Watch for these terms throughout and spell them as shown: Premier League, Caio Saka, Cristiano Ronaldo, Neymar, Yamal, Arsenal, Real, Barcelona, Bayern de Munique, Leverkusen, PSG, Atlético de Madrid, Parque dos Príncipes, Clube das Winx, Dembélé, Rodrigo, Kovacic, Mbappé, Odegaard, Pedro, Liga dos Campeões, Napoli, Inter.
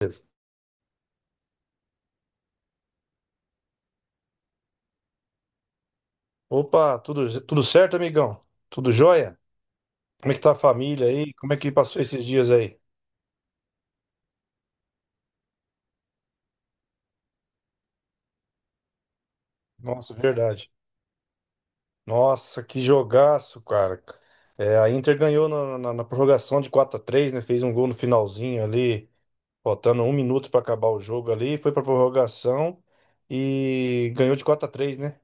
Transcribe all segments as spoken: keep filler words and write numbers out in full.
Beleza. Opa, tudo, tudo certo, amigão? Tudo jóia? Como é que tá a família aí? Como é que passou esses dias aí? Nossa, verdade. Nossa, que jogaço, cara. É, a Inter ganhou na, na- na prorrogação de quatro a três, né? Fez um gol no finalzinho ali, faltando um minuto pra acabar o jogo ali. Foi pra prorrogação e ganhou de quatro a três, né?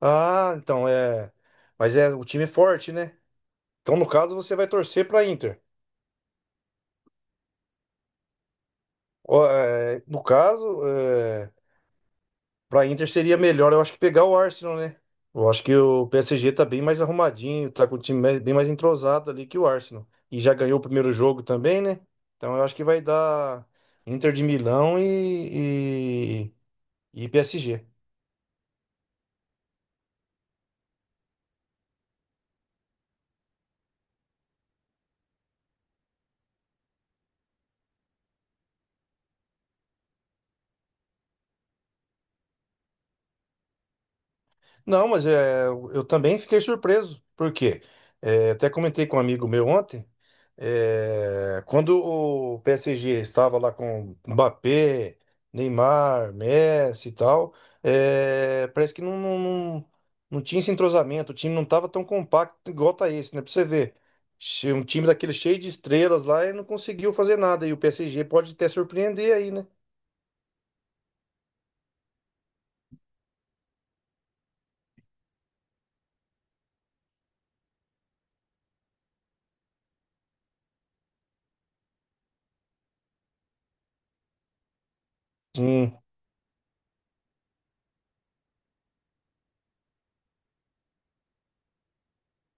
Ah, então é. Mas é, o time é forte, né? Então, no caso, você vai torcer pra Inter. Ó, é, no caso, é, pra Inter seria melhor, eu acho que pegar o Arsenal, né? Eu acho que o P S G tá bem mais arrumadinho, tá com o time me- bem mais entrosado ali que o Arsenal. E já ganhou o primeiro jogo também, né? Então eu acho que vai dar Inter de Milão e, e, e P S G. Não, mas é, eu também fiquei surpreso, porque até comentei com um amigo meu ontem. É, quando o P S G estava lá com Mbappé, Neymar, Messi e tal, é, parece que não, não, não, não tinha esse entrosamento, o time não estava tão compacto igual tá esse, né? Pra você ver. Che- Um time daquele cheio de estrelas lá e não conseguiu fazer nada. E o P S G pode até surpreender aí, né? Sim.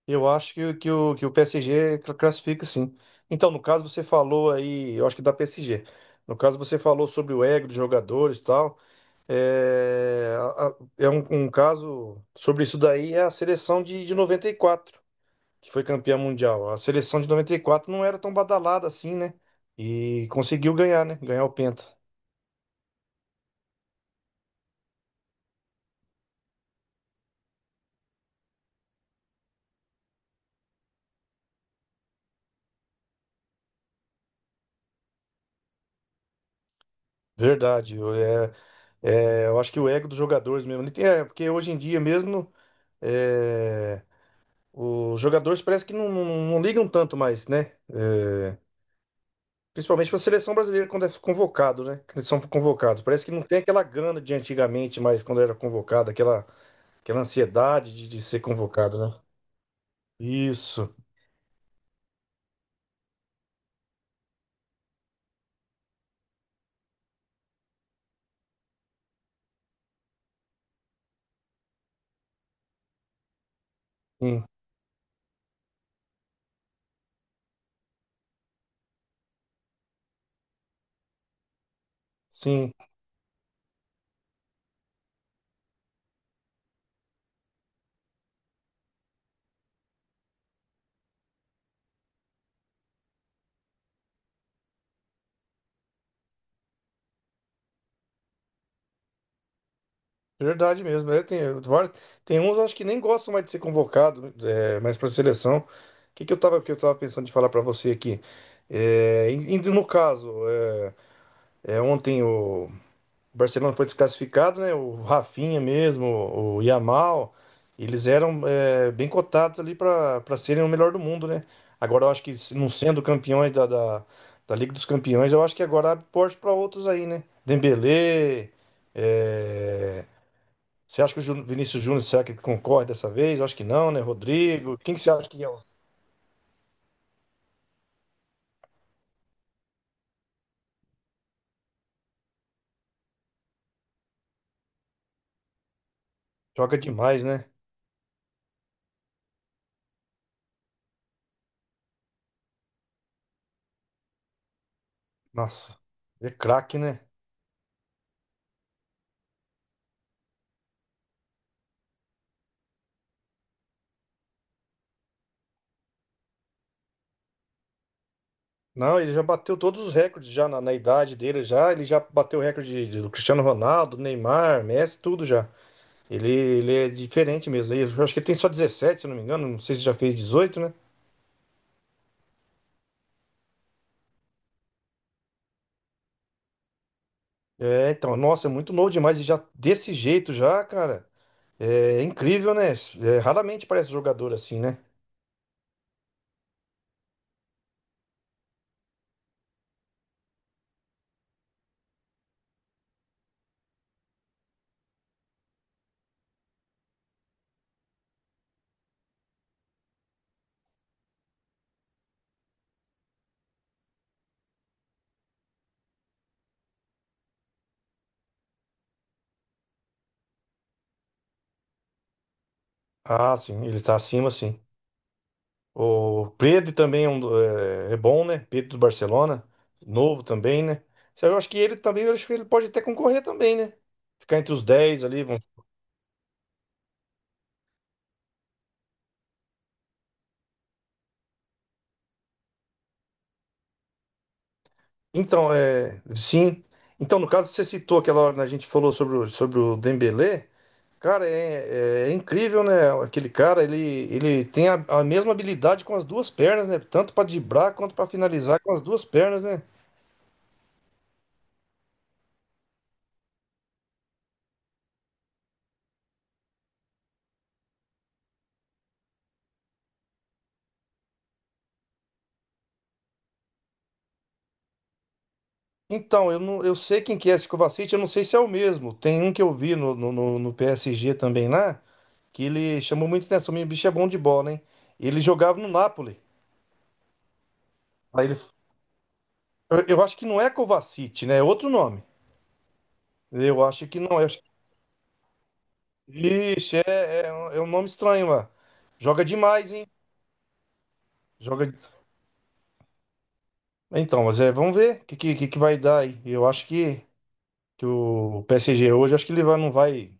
Eu acho que, que, o, que o P S G cla- classifica sim. Então, no caso, você falou aí, eu acho que da P S G. No caso, você falou sobre o ego dos jogadores e tal. É, a- a- é um, um caso sobre isso daí é a seleção de, de noventa e quatro, que foi campeã mundial. A seleção de noventa e quatro não era tão badalada assim, né? E conseguiu ganhar, né? Ganhar o Penta. Verdade. eu- É, é, eu acho que o ego dos jogadores mesmo. É, porque hoje em dia mesmo. é, Os jogadores parece que não, não- não ligam tanto mais, né? É, principalmente para a seleção brasileira quando é convocado, né? Quando eles são convocados. Parece que não tem aquela grana de antigamente, mas quando era convocado, aquela, aquela ansiedade de, de ser convocado, né? Isso, sim, sim. Verdade mesmo. É, tem, vários- tem uns, eu acho que nem gostam mais de ser convocado, é, mas para a seleção. O que, que eu tava, que eu tava pensando de falar para você aqui? É, em- em- no caso, é, é, ontem o. O Barcelona foi desclassificado, né? O Rafinha mesmo, o Yamal, eles eram é, bem cotados ali para para serem o melhor do mundo, né? Agora eu acho que se não sendo campeões da, da, da Liga dos Campeões, eu acho que agora abre porte para outros aí, né? Dembélé, é, você acha que o Ju- Vinícius Júnior será que ele concorre dessa vez? Eu acho que não, né? Rodrigo, quem que você acha que é o-? Joga demais, né? Nossa, é craque, né? Não, ele já bateu todos os recordes já na, na idade dele já. Ele já bateu o recorde de- do Cristiano Ronaldo, Neymar, Messi, tudo já. Ele, ele é diferente mesmo. Eu acho que ele tem só dezessete se eu não me engano. Não sei se já fez dezoito, né? É, então, nossa, é muito novo demais. E já desse jeito já, cara. É incrível, né? É, raramente parece jogador assim, né? Ah, sim, ele tá acima, sim. O Pedro também é, um do- é- é bom, né? Pedro do Barcelona, novo também, né? Isso aí. Eu acho que ele também, eu acho que ele pode até concorrer também, né? Ficar entre os dez ali. vamos- Então, é, sim. Então, no caso, você citou aquela hora que a gente falou sobre o, sobre o Dembélé. Cara, é, é é incrível, né? Aquele cara, ele, ele tem a, a mesma habilidade com as duas pernas, né? Tanto para driblar quanto para finalizar com as duas pernas, né? Então, eu, não, eu sei quem que é esse Kovacic, eu não sei se é o mesmo. Tem um que eu vi no, no, no- no P S G também lá, que ele chamou muita atenção. O bicho é bom de bola, hein? Ele jogava no Napoli. Aí ele, eu, eu acho que não é Kovacic, né? É outro nome. Eu acho que não. Eu acho, ixi, é, é, um é um nome estranho lá. Joga demais, hein? Joga. Então, mas é, vamos ver o que, que, que que vai dar aí. Eu acho que, que o P S G hoje, acho que ele vai, não vai.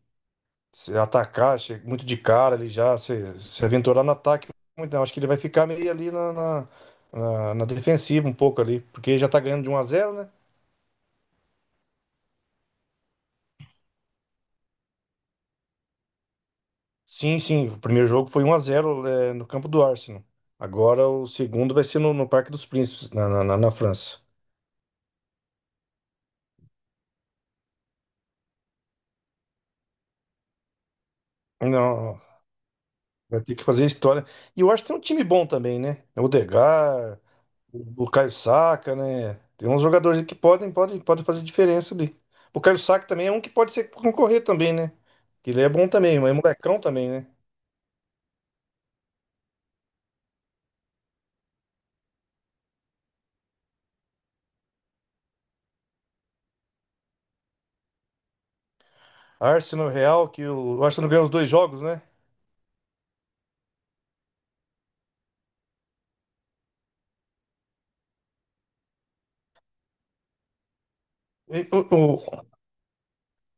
Se atacar, che- muito de cara ali já, se, se aventurar no ataque, muito não. Acho que ele vai ficar meio ali na, na, na- na defensiva um pouco ali, porque já tá ganhando de um a zero, né? Sim, sim, o primeiro jogo foi um a zero, é, no campo do Arsenal. Agora o segundo vai ser no, no Parque dos Príncipes, na, na, na- na França. Não, vai ter que fazer história. E eu acho que tem um time bom também, né? O Odegaard, o Caio Saka, né? Tem uns jogadores aí que podem, podem, podem fazer diferença ali. O Caio Saka também é um que pode ser concorrer também, né? Que ele é bom também, mas é molecão também, né? Arsenal, Real, que o, o Arsenal ganhou os dois jogos, né? E o- o-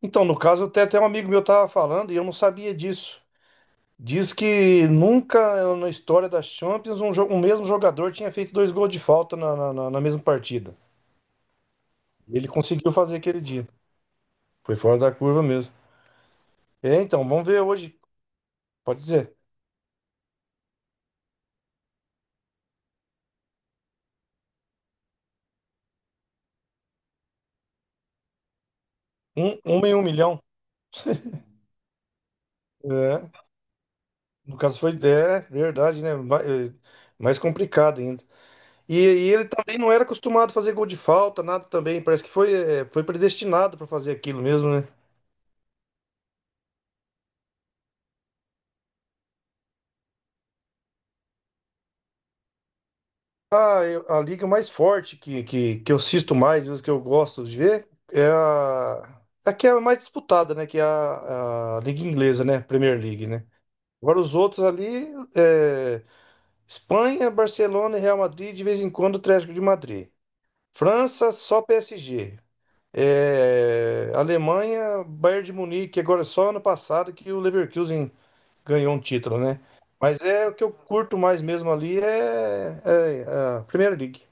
então, no caso, até, até um amigo meu tava falando e eu não sabia disso. Diz que nunca na história da Champions um, jo- um mesmo jogador tinha feito dois gols de falta na, na, na na mesma partida. Ele conseguiu fazer aquele dia. Foi fora da curva mesmo. É, então, vamos ver hoje. Pode dizer. Um, uma em um milhão. É. No caso foi. É, verdade, né? Ma- é, Mais complicado ainda. E, e ele também não era acostumado a fazer gol de falta, nada também. Parece que foi, é, foi predestinado para fazer aquilo mesmo, né? Ah, eu- a liga mais forte que, que, que eu assisto mais, mesmo que eu gosto de ver, é a, é a que é a mais disputada, né? Que é a, a Liga Inglesa, né? Premier League, né? Agora os outros ali, é, Espanha, Barcelona e Real Madrid, de vez em quando o Atlético de Madrid. França, só P S G. É, Alemanha, Bayern de Munique. Agora, é só ano passado que o Leverkusen ganhou um título, né? Mas é o que eu curto mais mesmo ali é, é é a Premier League.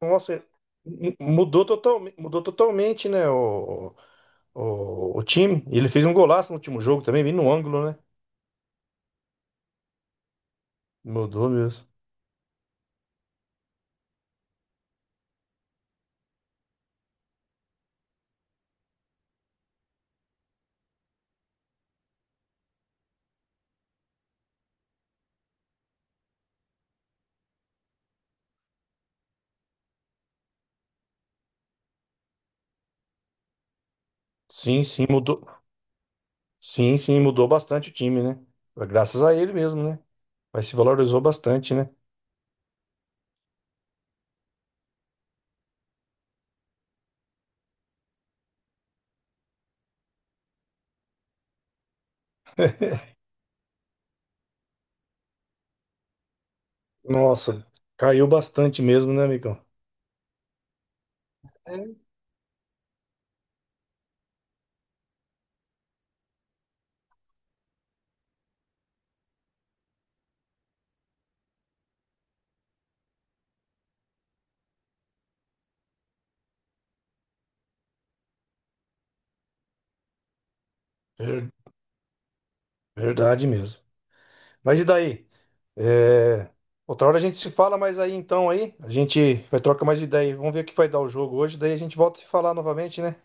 Nossa, mu- mudou, total, mudou totalmente, né? O, o, o time. Ele fez um golaço no último jogo também, bem no ângulo, né? Mudou mesmo. Sim, sim, mudou. Sim, sim, mudou bastante o time, né? Graças a ele mesmo, né? Mas se valorizou bastante, né? Nossa, caiu bastante mesmo, né, amigão? É. Ver- Verdade mesmo. Mas e daí? É, Outra hora a gente se fala mais aí então aí. A gente vai trocar mais ideia. Vamos ver o que vai dar o jogo hoje. Daí a gente volta a se falar novamente, né?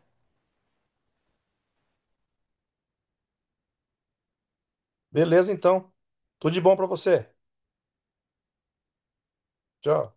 Beleza, então. Tudo de bom pra você. Tchau.